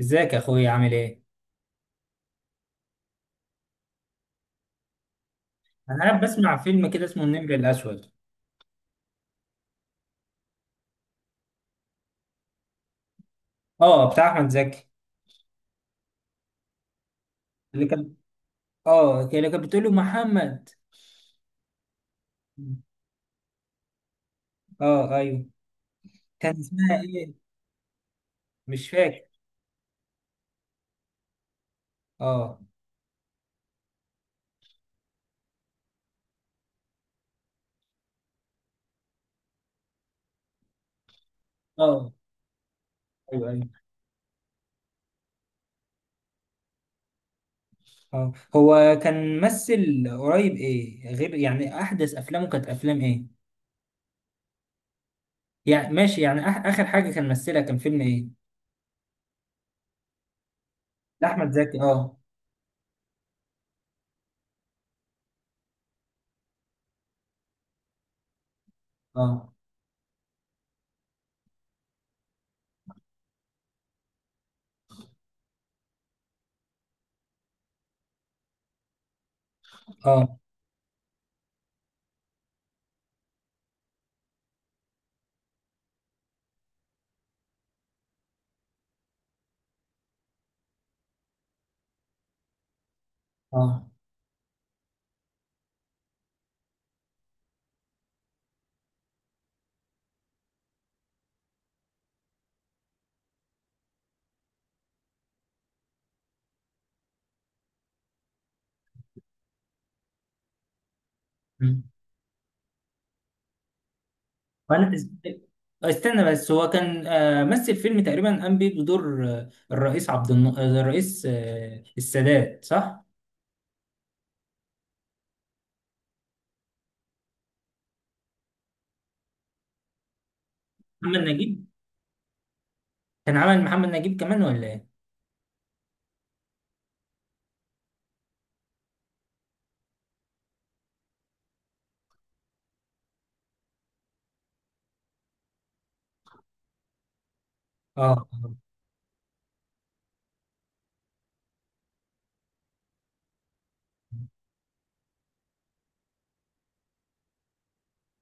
ازيك يا اخويا؟ عامل ايه؟ انا قاعد بسمع فيلم كده اسمه النمر الاسود. اه، بتاع احمد زكي. اللي كان اه اللي كانت بتقول له محمد. اه، ايوه. كان اسمها ايه؟ مش فاكر. اه، اه، ايوه، ايوه. اه، هو كان ممثل قريب ايه؟ غير يعني احدث افلامه كانت افلام ايه؟ يعني ماشي. يعني اخر حاجه كان ممثلها كان فيلم ايه؟ لاحمد زكي، اه. اه، اه، اه. وانا استنى بس. هو كان، مثل فيلم تقريبا، قام بيه بدور الرئيس عبد الن... آه، الرئيس السادات، صح؟ محمد نجيب. كان عمل محمد نجيب كمان ولا ايه؟ اه.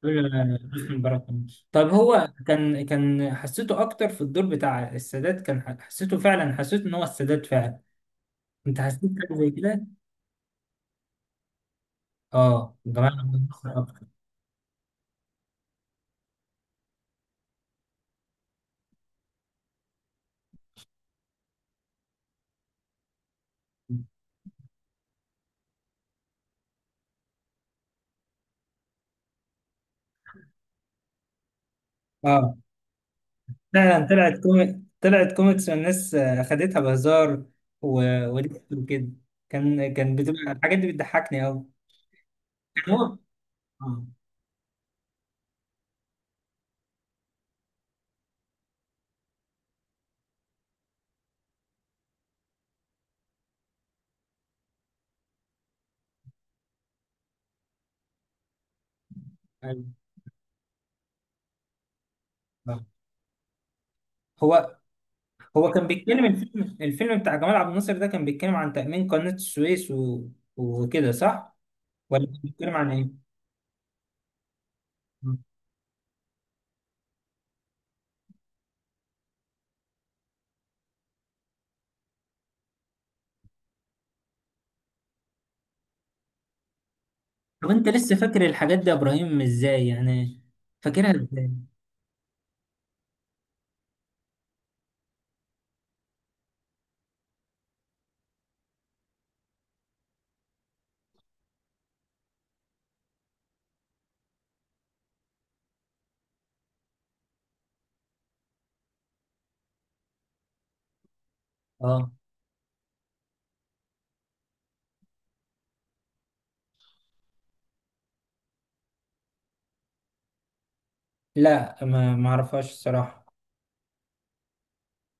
دول حسني مبارك كمان. طب هو كان حسيته اكتر في الدور بتاع السادات. كان حسيته فعلا، حسيت ان هو السادات فعلا. انت حسيت حاجه زي كده؟ اه، جماعه، أنا بتأثر اكتر. اه، فعلا. طلعت كوميكس، والناس خدتها بهزار و... وليه وكده. كان بتبقى الحاجات دي بتضحكني قوي. كان هو، آه، أيوة. آه. هو هو كان بيتكلم. الفيلم بتاع جمال عبد الناصر ده كان بيتكلم عن تأمين قناة السويس وكده، صح؟ ولا كان بيتكلم عن ايه؟ آه. طب انت لسه فاكر الحاجات دي يا ابراهيم؟ ازاي يعني فاكرها؟ ازاي؟ اه. لا، ما اعرفهاش الصراحة.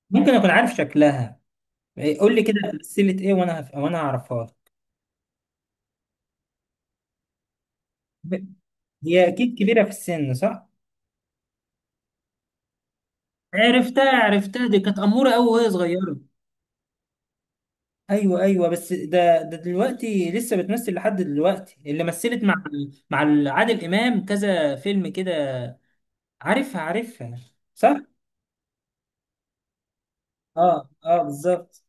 ممكن اكون عارف شكلها. إيه، قول لي كده. سلسلة ايه وانا هعرفها؟ ب- هي اكيد كبيره في السن، صح. عرفتها، عرفتها، دي كانت اموره قوي وهي صغيره. ايوه، ايوه. بس ده دلوقتي لسه بتمثل لحد دلوقتي، اللي مثلت مع عادل امام كذا فيلم كده. عارفها، عارفها، صح. اه، اه، بالظبط.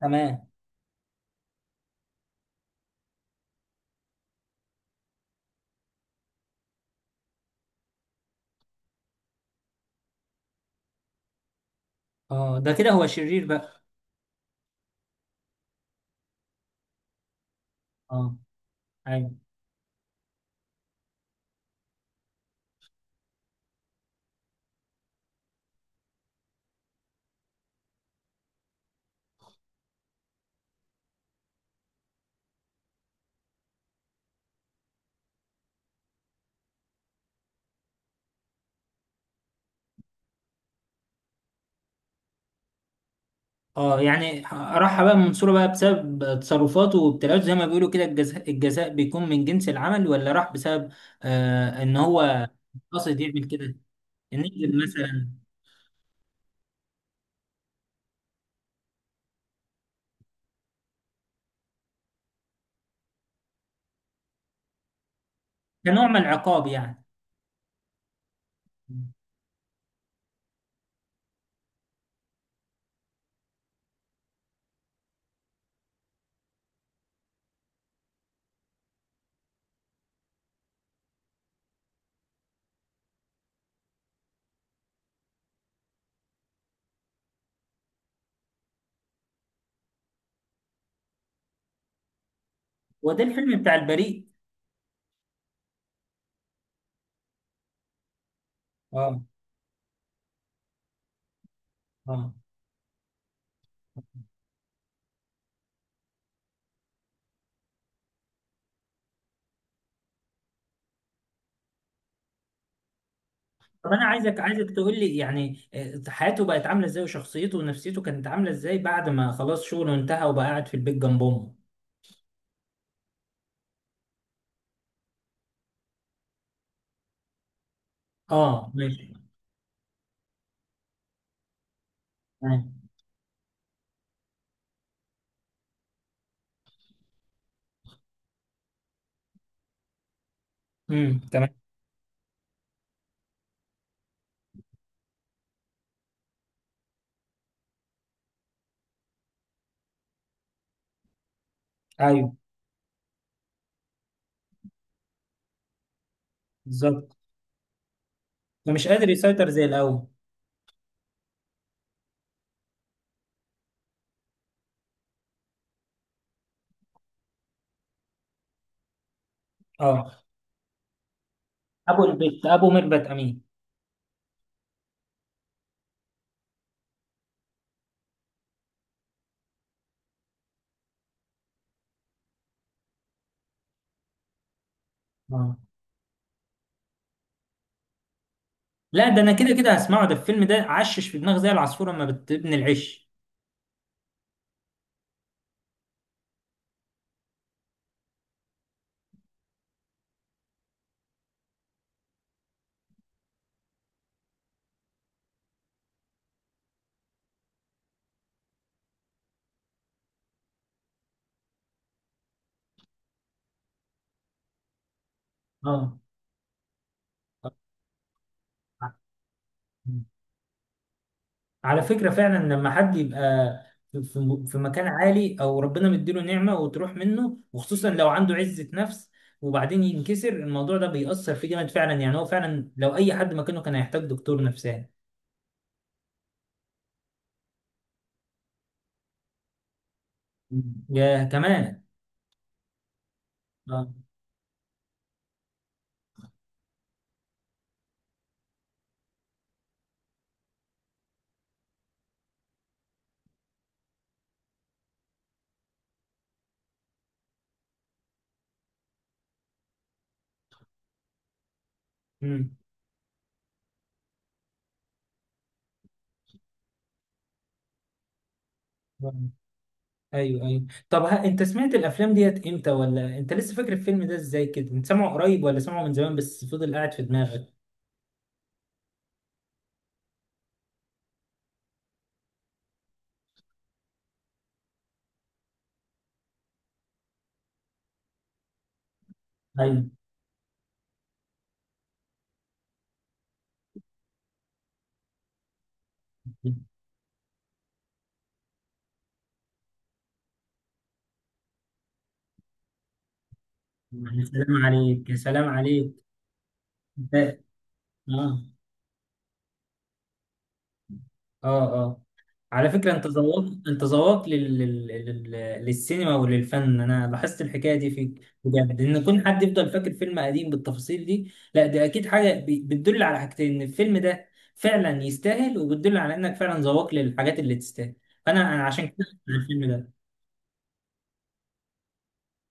تمام. اه، ده كده هو شرير بقى. اه، ايوه. اه، يعني راح بقى منصوره بقى بسبب تصرفاته وابتلاءاته، زي ما بيقولوا كده، الجزاء، الجزاء بيكون من جنس العمل، ولا راح بسبب ان هو قصد يعمل كده؟ ننزل مثلا؟ كنوع من العقاب يعني؟ وده الفيلم بتاع البريء؟ اه، اه. طب انا عايزك تقول لي يعني حياته بقت عامله ازاي، وشخصيته ونفسيته كانت عامله ازاي بعد ما خلاص شغله انتهى وبقى قاعد في البيت جنب امه. اه، ماشي. تمام. تمام. ايوه، بالظبط. فمش قادر يسيطر زي الاول. اه، ابو ميرفت امين. اه، لا، ده انا كده كده هسمعه. ده الفيلم ده عشش في دماغ زي العصفوره لما بتبني العش. اه، على فكرة فعلا لما حد يبقى في في مكان عالي، او ربنا مديله نعمة وتروح منه، وخصوصا لو عنده عزة نفس، وبعدين ينكسر الموضوع ده، بيأثر فيه جامد فعلا. يعني هو فعلا لو اي حد مكانه كان هيحتاج دكتور نفساني. يا كمان، اه. امم، ايوه، ايوه. طب ها، انت سمعت الافلام ديت امتى؟ ولا انت لسه فاكر الفيلم ده ازاي كده؟ انت سامعه قريب ولا سامعه من زمان بس فضل قاعد في دماغك؟ ايوه. يا سلام عليك، يا سلام عليك. ده- اه، اه. على فكرة، انت ذوقت للسينما وللفن. انا لاحظت الحكاية دي فيك بجد، ان يكون حد يفضل فاكر فيلم قديم بالتفاصيل دي، لا ده اكيد حاجة بتدل على حاجتين: ان الفيلم ده فعلا يستاهل، وبتدل على انك فعلا ذوقت للحاجات اللي تستاهل. فانا عشان كده هسمع الفيلم ده.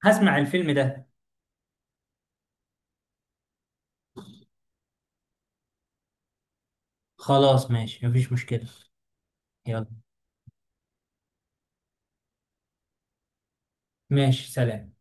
هسمع الفيلم ده خلاص، ماشي، مفيش مشكلة. يلا، ماشي، سلام.